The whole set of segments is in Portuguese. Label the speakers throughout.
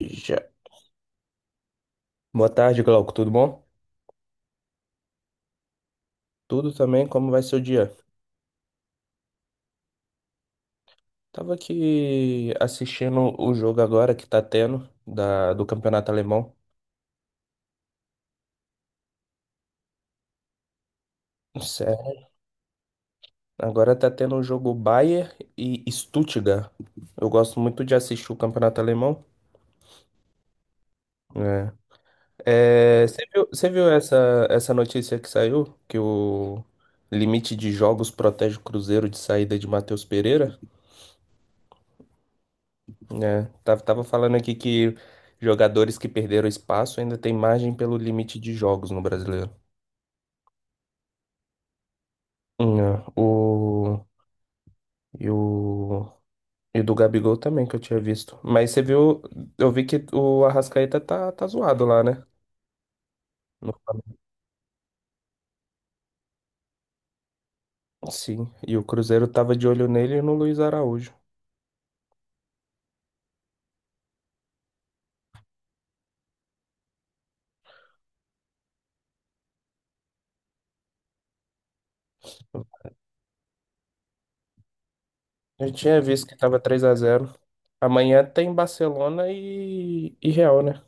Speaker 1: Já. Boa tarde, Glauco. Tudo bom? Tudo também, como vai seu dia? Tava aqui assistindo o jogo agora que tá tendo do Campeonato Alemão. Sério? Agora tá tendo o jogo Bayern e Stuttgart. Eu gosto muito de assistir o Campeonato Alemão. É. É, você viu essa notícia que saiu? Que o limite de jogos protege o Cruzeiro de saída de Matheus Pereira? É, tava falando aqui que jogadores que perderam espaço ainda tem margem pelo limite de jogos no brasileiro. É. E o, e do Gabigol também, que eu tinha visto. Mas você viu, eu vi que o Arrascaeta tá zoado lá, né? No Flamengo. Sim, e o Cruzeiro tava de olho nele e no Luiz Araújo. Eu tinha visto que tava 3-0. Amanhã tem Barcelona e Real, né?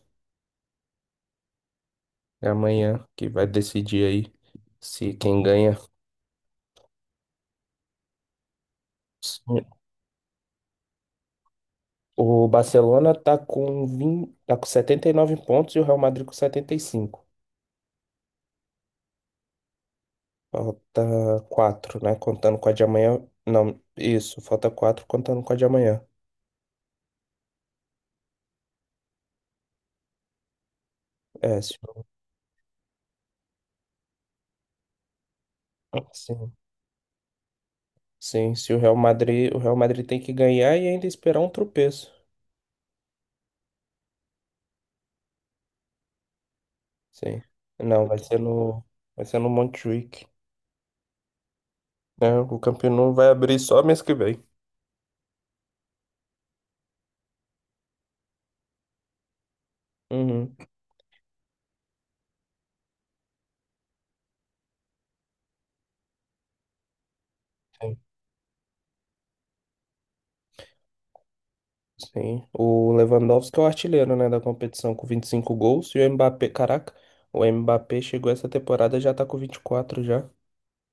Speaker 1: É amanhã que vai decidir aí se quem ganha. O Barcelona tá com 79 pontos e o Real Madrid com 75. Falta 4, né? Contando com a de amanhã. Não, isso, falta 4, contando com a de amanhã. É, se, o- sim, sim, se o Real Madrid tem que ganhar e ainda esperar um tropeço. Sim. Não, vai ser no Montjuic, né? O Campeonato vai abrir só mês que vem. Uhum. Sim, o Lewandowski é o artilheiro, né, da competição com 25 gols e o Mbappé, caraca, o Mbappé chegou essa temporada já tá com 24 já.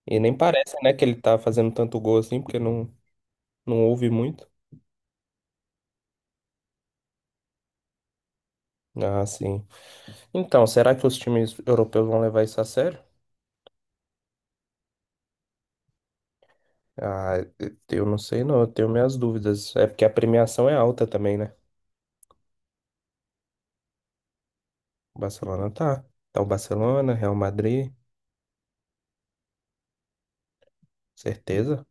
Speaker 1: E nem parece, né, que ele tá fazendo tanto gol assim, porque não, não houve muito. Ah, sim. Então, será que os times europeus vão levar isso a sério? Ah, eu não sei não, eu tenho minhas dúvidas. É porque a premiação é alta também, né? O Barcelona tá. Então, Barcelona, Real Madrid, certeza.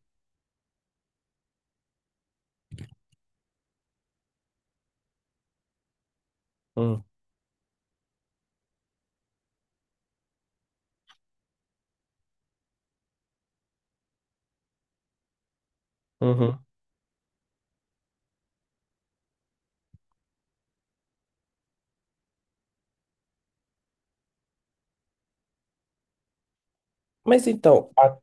Speaker 1: Hum, uhum. Mas então,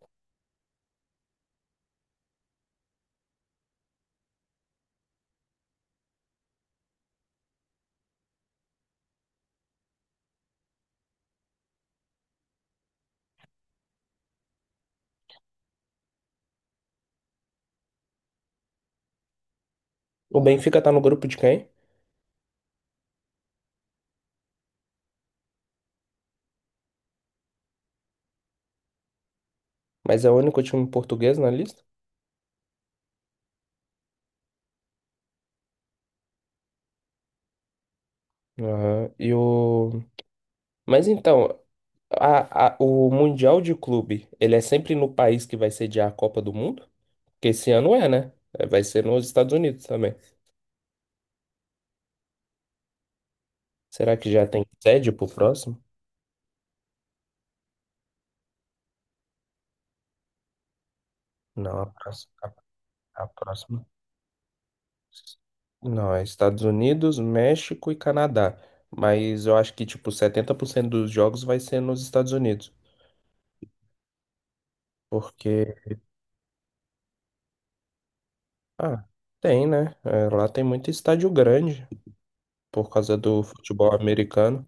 Speaker 1: o Benfica tá no grupo de quem? Mas é o único time português na lista? Aham. Mas então, o Mundial de Clube, ele é sempre no país que vai sediar a Copa do Mundo? Porque esse ano é, né? É, vai ser nos Estados Unidos também. Será que já tem sede pro próximo? Não, a próxima. A próxima. Não, é Estados Unidos, México e Canadá. Mas eu acho que, tipo, 70% dos jogos vai ser nos Estados Unidos. Porque, ah, tem, né? É, lá tem muito estádio grande por causa do futebol americano.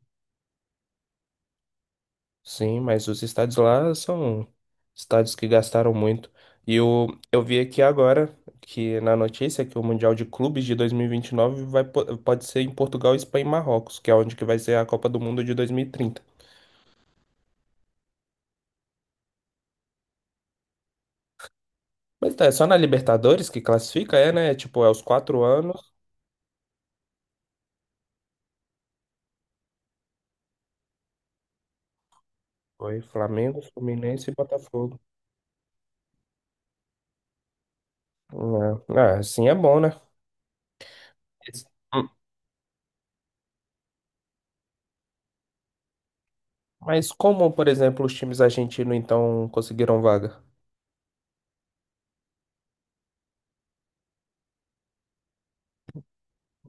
Speaker 1: Sim, mas os estádios lá são estádios que gastaram muito. Eu vi aqui agora que na notícia que o Mundial de Clubes de dois mil e vinte e nove pode ser em Portugal, Espanha e Marrocos, que é onde que vai ser a Copa do Mundo de 2030. Mas tá, é só na Libertadores que classifica, é, né? Tipo, é os 4 anos. Foi Flamengo, Fluminense e Botafogo. É, é, assim é bom, né? Mas como, por exemplo, os times argentinos então conseguiram vaga?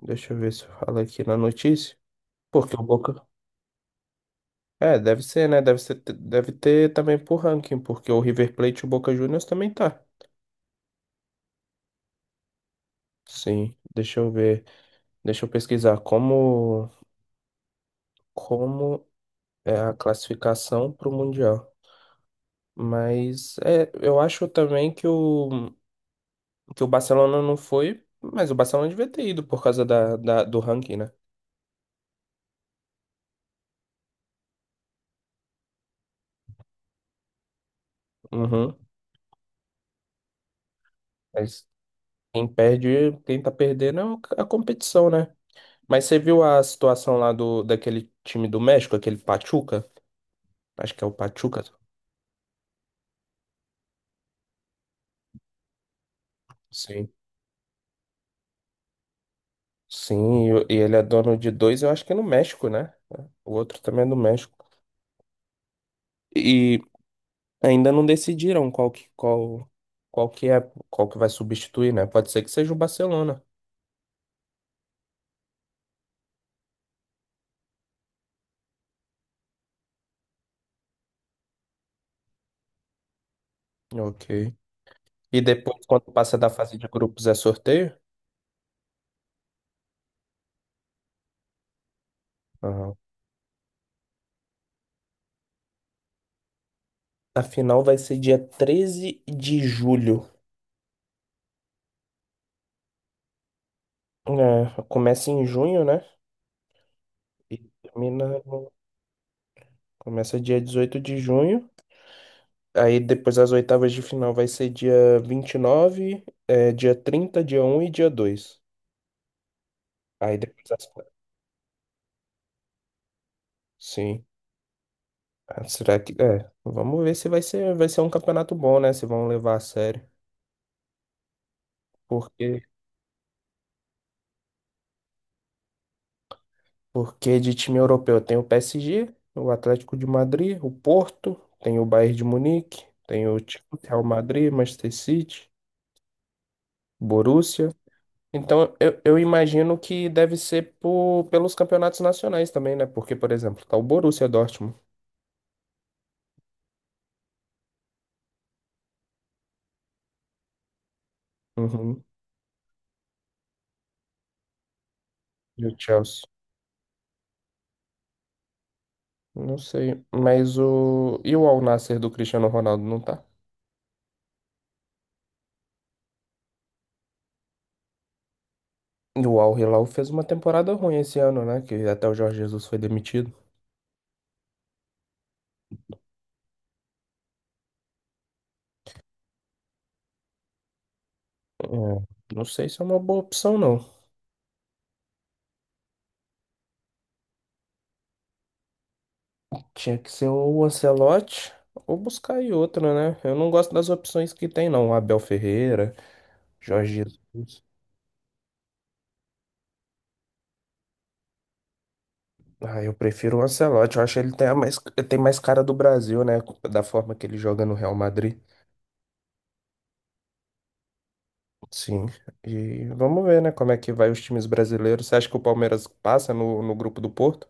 Speaker 1: Deixa eu ver se fala aqui na notícia. Porque o Boca. É, deve ser, né? Deve ser, deve ter também por ranking, porque o River Plate e o Boca Juniors também tá. Sim, deixa eu ver. Deixa eu pesquisar como é a classificação para o Mundial. Mas é, eu acho também que o, Barcelona não foi, mas o Barcelona devia ter ido por causa do ranking, né? Uhum. Mas quem perde, quem tá perdendo é a competição, né? Mas você viu a situação lá do, daquele time do México, aquele Pachuca? Acho que é o Pachuca. Sim. Sim, e ele é dono de dois, eu acho que é no México, né? O outro também é do México. E ainda não decidiram qual que é, qual que vai substituir, né? Pode ser que seja o Barcelona. Ok. E depois, quando passa da fase de grupos, é sorteio? Aham. A final vai ser dia 13 de julho. É, começa em junho, né? E termina. Começa dia 18 de junho. Aí depois as oitavas de final vai ser dia 29, dia 30, dia 1 e dia 2. Aí depois as... Sim. Ah, será que... É, vamos ver se vai ser um campeonato bom, né? Se vão levar a sério. Porque, porque de time europeu tem o PSG, o Atlético de Madrid, o Porto, tem o Bayern de Munique, tem o Chelsea, Real Madrid, Manchester City, Borussia. Então, eu imagino que deve ser por, pelos campeonatos nacionais também, né? Porque, por exemplo, tá o Borussia Dortmund. Uhum. E o Chelsea. Não sei. Mas o. E o Al Nassr do Cristiano Ronaldo não tá? E o Al Hilal fez uma temporada ruim esse ano, né? Que até o Jorge Jesus foi demitido. É, não sei se é uma boa opção, não. Tinha que ser o Ancelotti ou buscar aí outra, né? Eu não gosto das opções que tem, não. Abel Ferreira, Jorge Jesus. Ah, eu prefiro o Ancelotti. Eu acho que ele tem mais cara do Brasil, né? Da forma que ele joga no Real Madrid. Sim. E vamos ver, né? Como é que vai os times brasileiros. Você acha que o Palmeiras passa no grupo do Porto?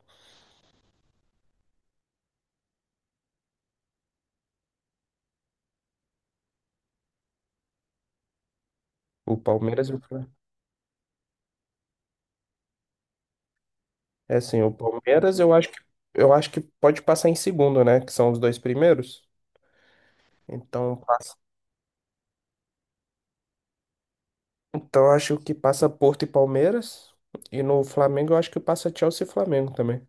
Speaker 1: O Palmeiras e o Fla- É sim, o Palmeiras eu acho que pode passar em segundo, né? Que são os dois primeiros. Então passa. Então eu acho que passa Porto e Palmeiras. E no Flamengo eu acho que passa Chelsea e Flamengo também.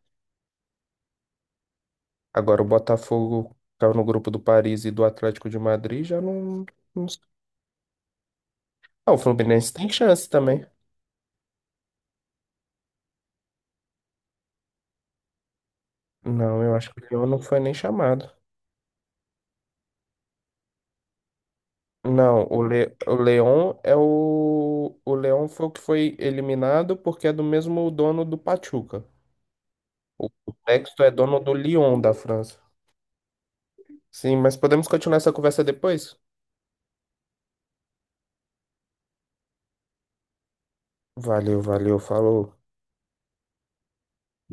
Speaker 1: Agora o Botafogo caiu no grupo do Paris e do Atlético de Madrid, já não, não... sei. Ah, o Fluminense tem chance também. Não, eu acho que o Leão não foi nem chamado. Não, o Leão é o. O Leão foi o que foi eliminado porque é do mesmo dono do Pachuca. O Texto é dono do Lyon da França. Sim, mas podemos continuar essa conversa depois? Valeu, valeu, falou.